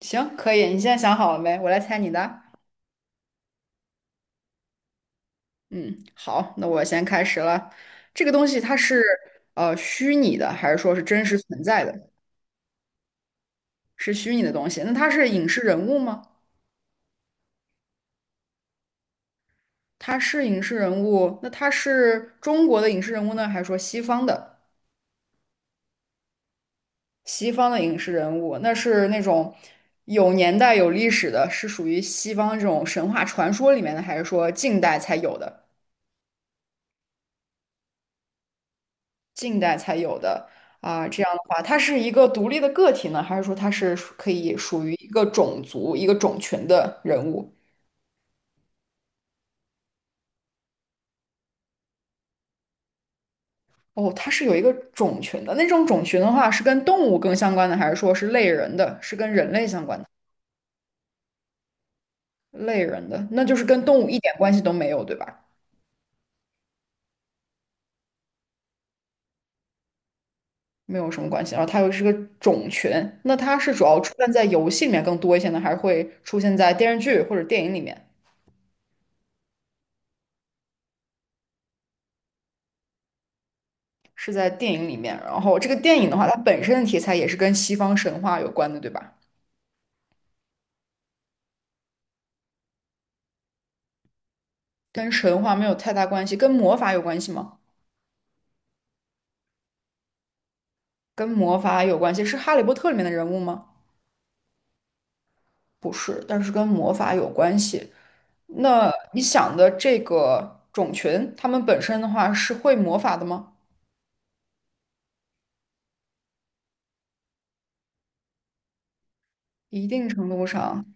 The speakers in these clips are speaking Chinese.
行，可以。你现在想好了没？我来猜你的。嗯，好，那我先开始了。这个东西它是虚拟的，还是说是真实存在的？是虚拟的东西。那它是影视人物吗？它是影视人物。那它是中国的影视人物呢，还是说西方的？西方的影视人物，那是那种有年代、有历史的，是属于西方这种神话传说里面的，还是说近代才有的？近代才有的啊，这样的话，它是一个独立的个体呢，还是说它是属可以属于一个种族、一个种群的人物？哦，它是有一个种群的，那种群的话是跟动物更相关的，还是说是类人的，是跟人类相关的？类人的，那就是跟动物一点关系都没有，对吧？没有什么关系。然后它又是个种群，那它是主要出现在游戏里面更多一些呢，还是会出现在电视剧或者电影里面？是在电影里面。然后这个电影的话，它本身的题材也是跟西方神话有关的，对吧？跟神话没有太大关系，跟魔法有关系吗？跟魔法有关系，是《哈利波特》里面的人物吗？不是，但是跟魔法有关系。那你想的这个种群，他们本身的话是会魔法的吗？一定程度上，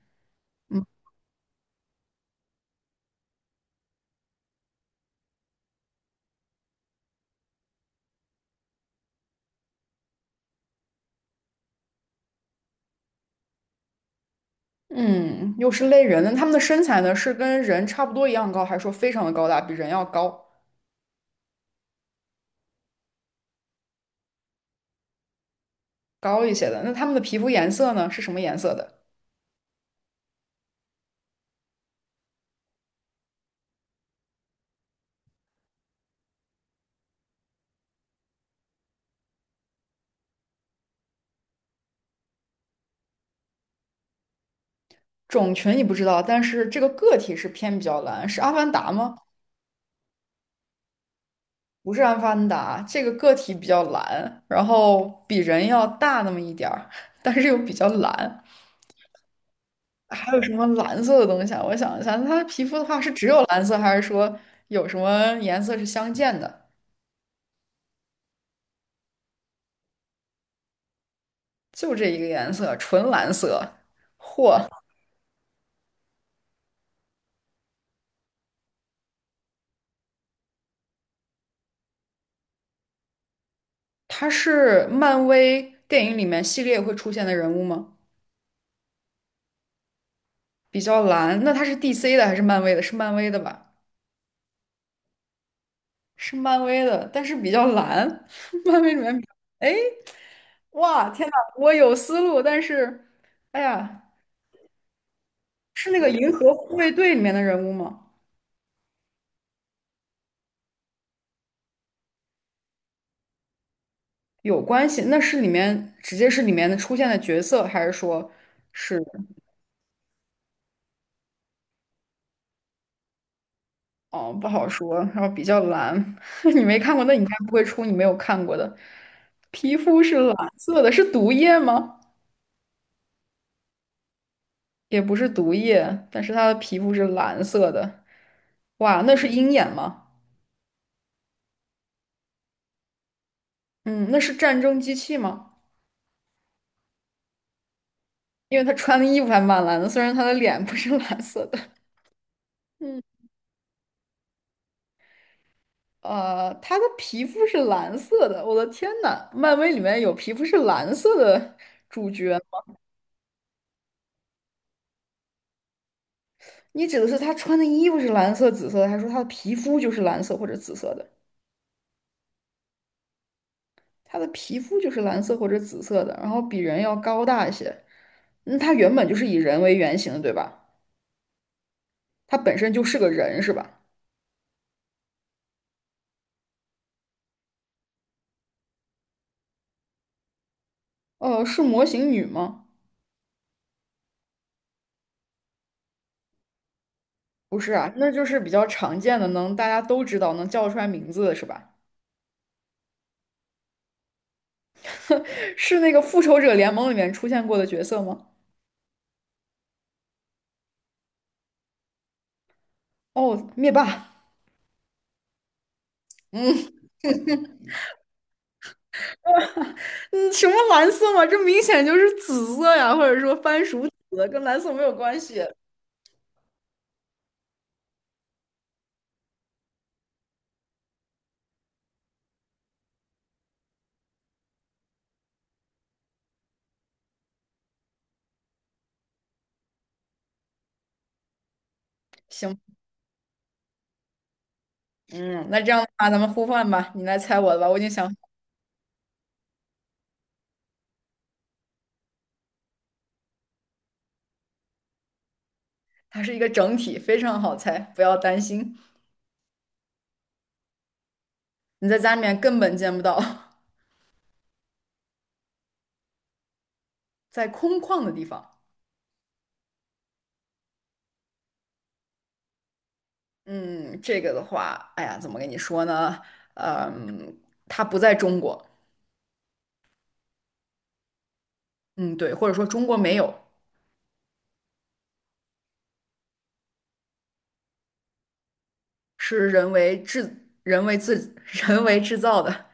嗯，又是类人，那他们的身材呢，是跟人差不多一样高，还是说非常的高大，比人要高？高一些的？那他们的皮肤颜色呢，是什么颜色的？种群你不知道，但是这个个体是偏比较蓝，是阿凡达吗？不是阿凡达，这个个体比较蓝，然后比人要大那么一点儿，但是又比较蓝。还有什么蓝色的东西啊？我想一下，那它的皮肤的话是只有蓝色，还是说有什么颜色是相间的？就这一个颜色，纯蓝色。嚯，它是漫威电影里面系列会出现的人物吗？比较蓝，那它是 DC 的还是漫威的？是漫威的吧？是漫威的，但是比较蓝。漫威里面比较哎，哇，天呐，我有思路，但是，哎呀，是那个银河护卫队里面的人物吗？有关系？那是里面直接是里面的出现的角色，还是说是？哦，不好说。然后比较蓝，你没看过，那你应该不会出你没有看过的。皮肤是蓝色的，是毒液吗？也不是毒液，但是他的皮肤是蓝色的。哇，那是鹰眼吗？嗯，那是战争机器吗？因为他穿的衣服还蛮蓝的，虽然他的脸不是蓝色的。嗯，他的皮肤是蓝色的，我的天呐，漫威里面有皮肤是蓝色的主角吗？你指的是他穿的衣服是蓝色、紫色的，还是说他的皮肤就是蓝色或者紫色的？他的皮肤就是蓝色或者紫色的，然后比人要高大一些。那他原本就是以人为原型的，对吧？他本身就是个人，是吧？哦，是模型女吗？不是啊，那就是比较常见的，能大家都知道，能叫出来名字的是吧？是那个复仇者联盟里面出现过的角色吗？哦，灭霸。嗯嗯，什么蓝色嘛？这明显就是紫色呀，或者说番薯紫，跟蓝色没有关系。行，嗯，那这样的话，咱们互换吧，你来猜我的吧，我已经想，它是一个整体，非常好猜，不要担心。你在家里面根本见不到，在空旷的地方。嗯，这个的话，哎呀，怎么跟你说呢？嗯，它不在中国，嗯，对，或者说中国没有，是人为制、人为自、人为制造的。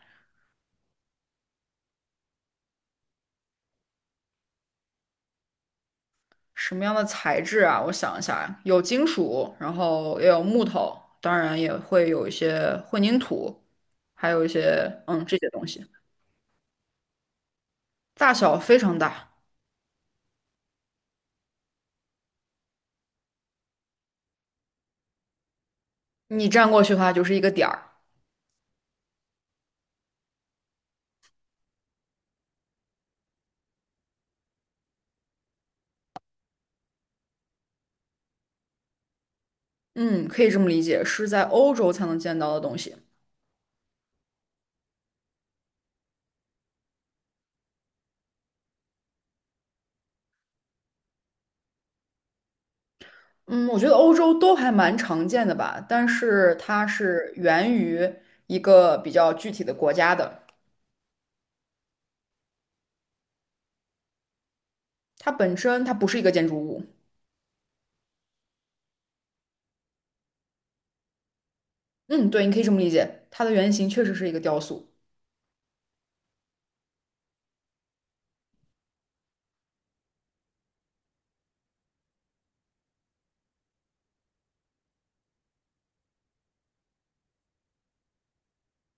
什么样的材质啊？我想一下啊，有金属，然后也有木头，当然也会有一些混凝土，还有一些这些东西，大小非常大，你站过去的话就是一个点儿。嗯，可以这么理解，是在欧洲才能见到的东西。嗯，我觉得欧洲都还蛮常见的吧，但是它是源于一个比较具体的国家的，它本身它不是一个建筑物。嗯，对，你可以这么理解，它的原型确实是一个雕塑。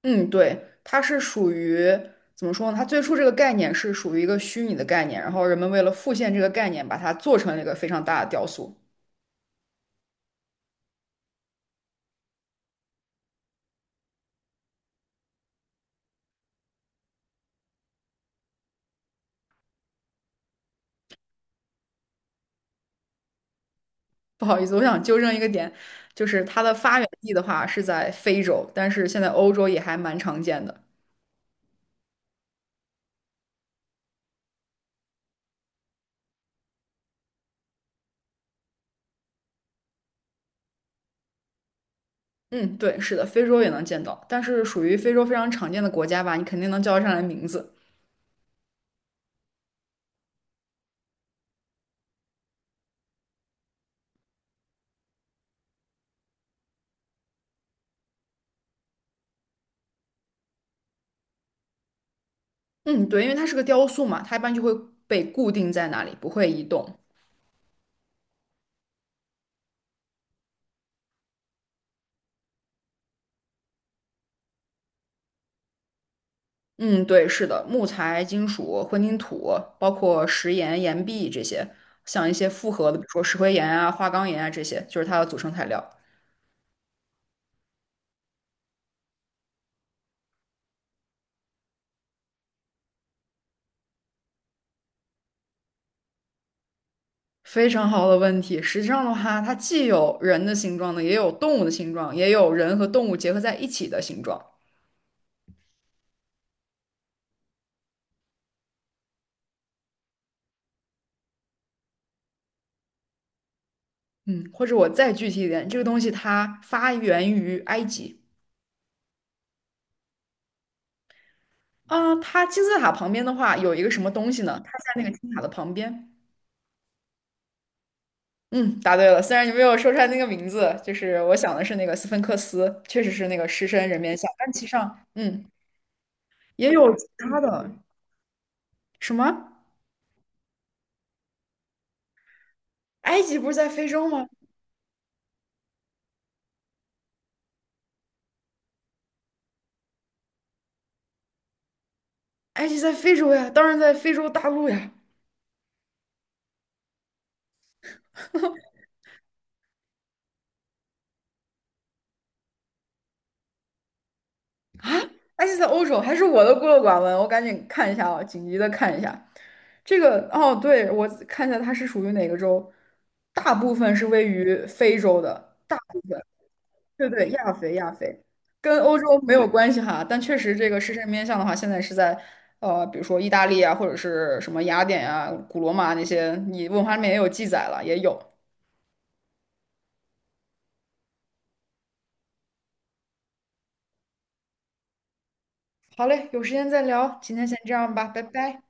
嗯，对，它是属于怎么说呢？它最初这个概念是属于一个虚拟的概念，然后人们为了复现这个概念，把它做成了一个非常大的雕塑。不好意思，我想纠正一个点，就是它的发源地的话是在非洲，但是现在欧洲也还蛮常见的。嗯，对，是的，非洲也能见到，但是属于非洲非常常见的国家吧，你肯定能叫得上来名字。嗯，对，因为它是个雕塑嘛，它一般就会被固定在那里，不会移动。嗯，对，是的，木材、金属、混凝土，包括石岩、岩壁这些，像一些复合的，比如说石灰岩啊、花岗岩啊这些，就是它的组成材料。非常好的问题。实际上的话，它既有人的形状呢，也有动物的形状，也有人和动物结合在一起的形状。嗯，或者我再具体一点，这个东西它发源于埃及啊，它金字塔旁边的话有一个什么东西呢？它在那个金字塔的旁边。嗯，答对了，虽然你没有说出来那个名字，就是我想的是那个斯芬克斯，确实是那个狮身人面像，但其实上，嗯，也有其他的，什么？埃及不是在非洲吗？埃及在非洲呀，当然在非洲大陆呀。埃及在欧洲还是我的孤陋寡闻，我赶紧看一下啊，紧急的看一下这个。哦，对，我看一下它是属于哪个州，大部分是位于非洲的，大部分，对对，亚非亚非，跟欧洲没有关系哈，但确实这个狮身人面像的话，现在是在比如说意大利啊，或者是什么雅典啊、古罗马那些，你文化里面也有记载了，也有。好嘞，有时间再聊，今天先这样吧，拜拜。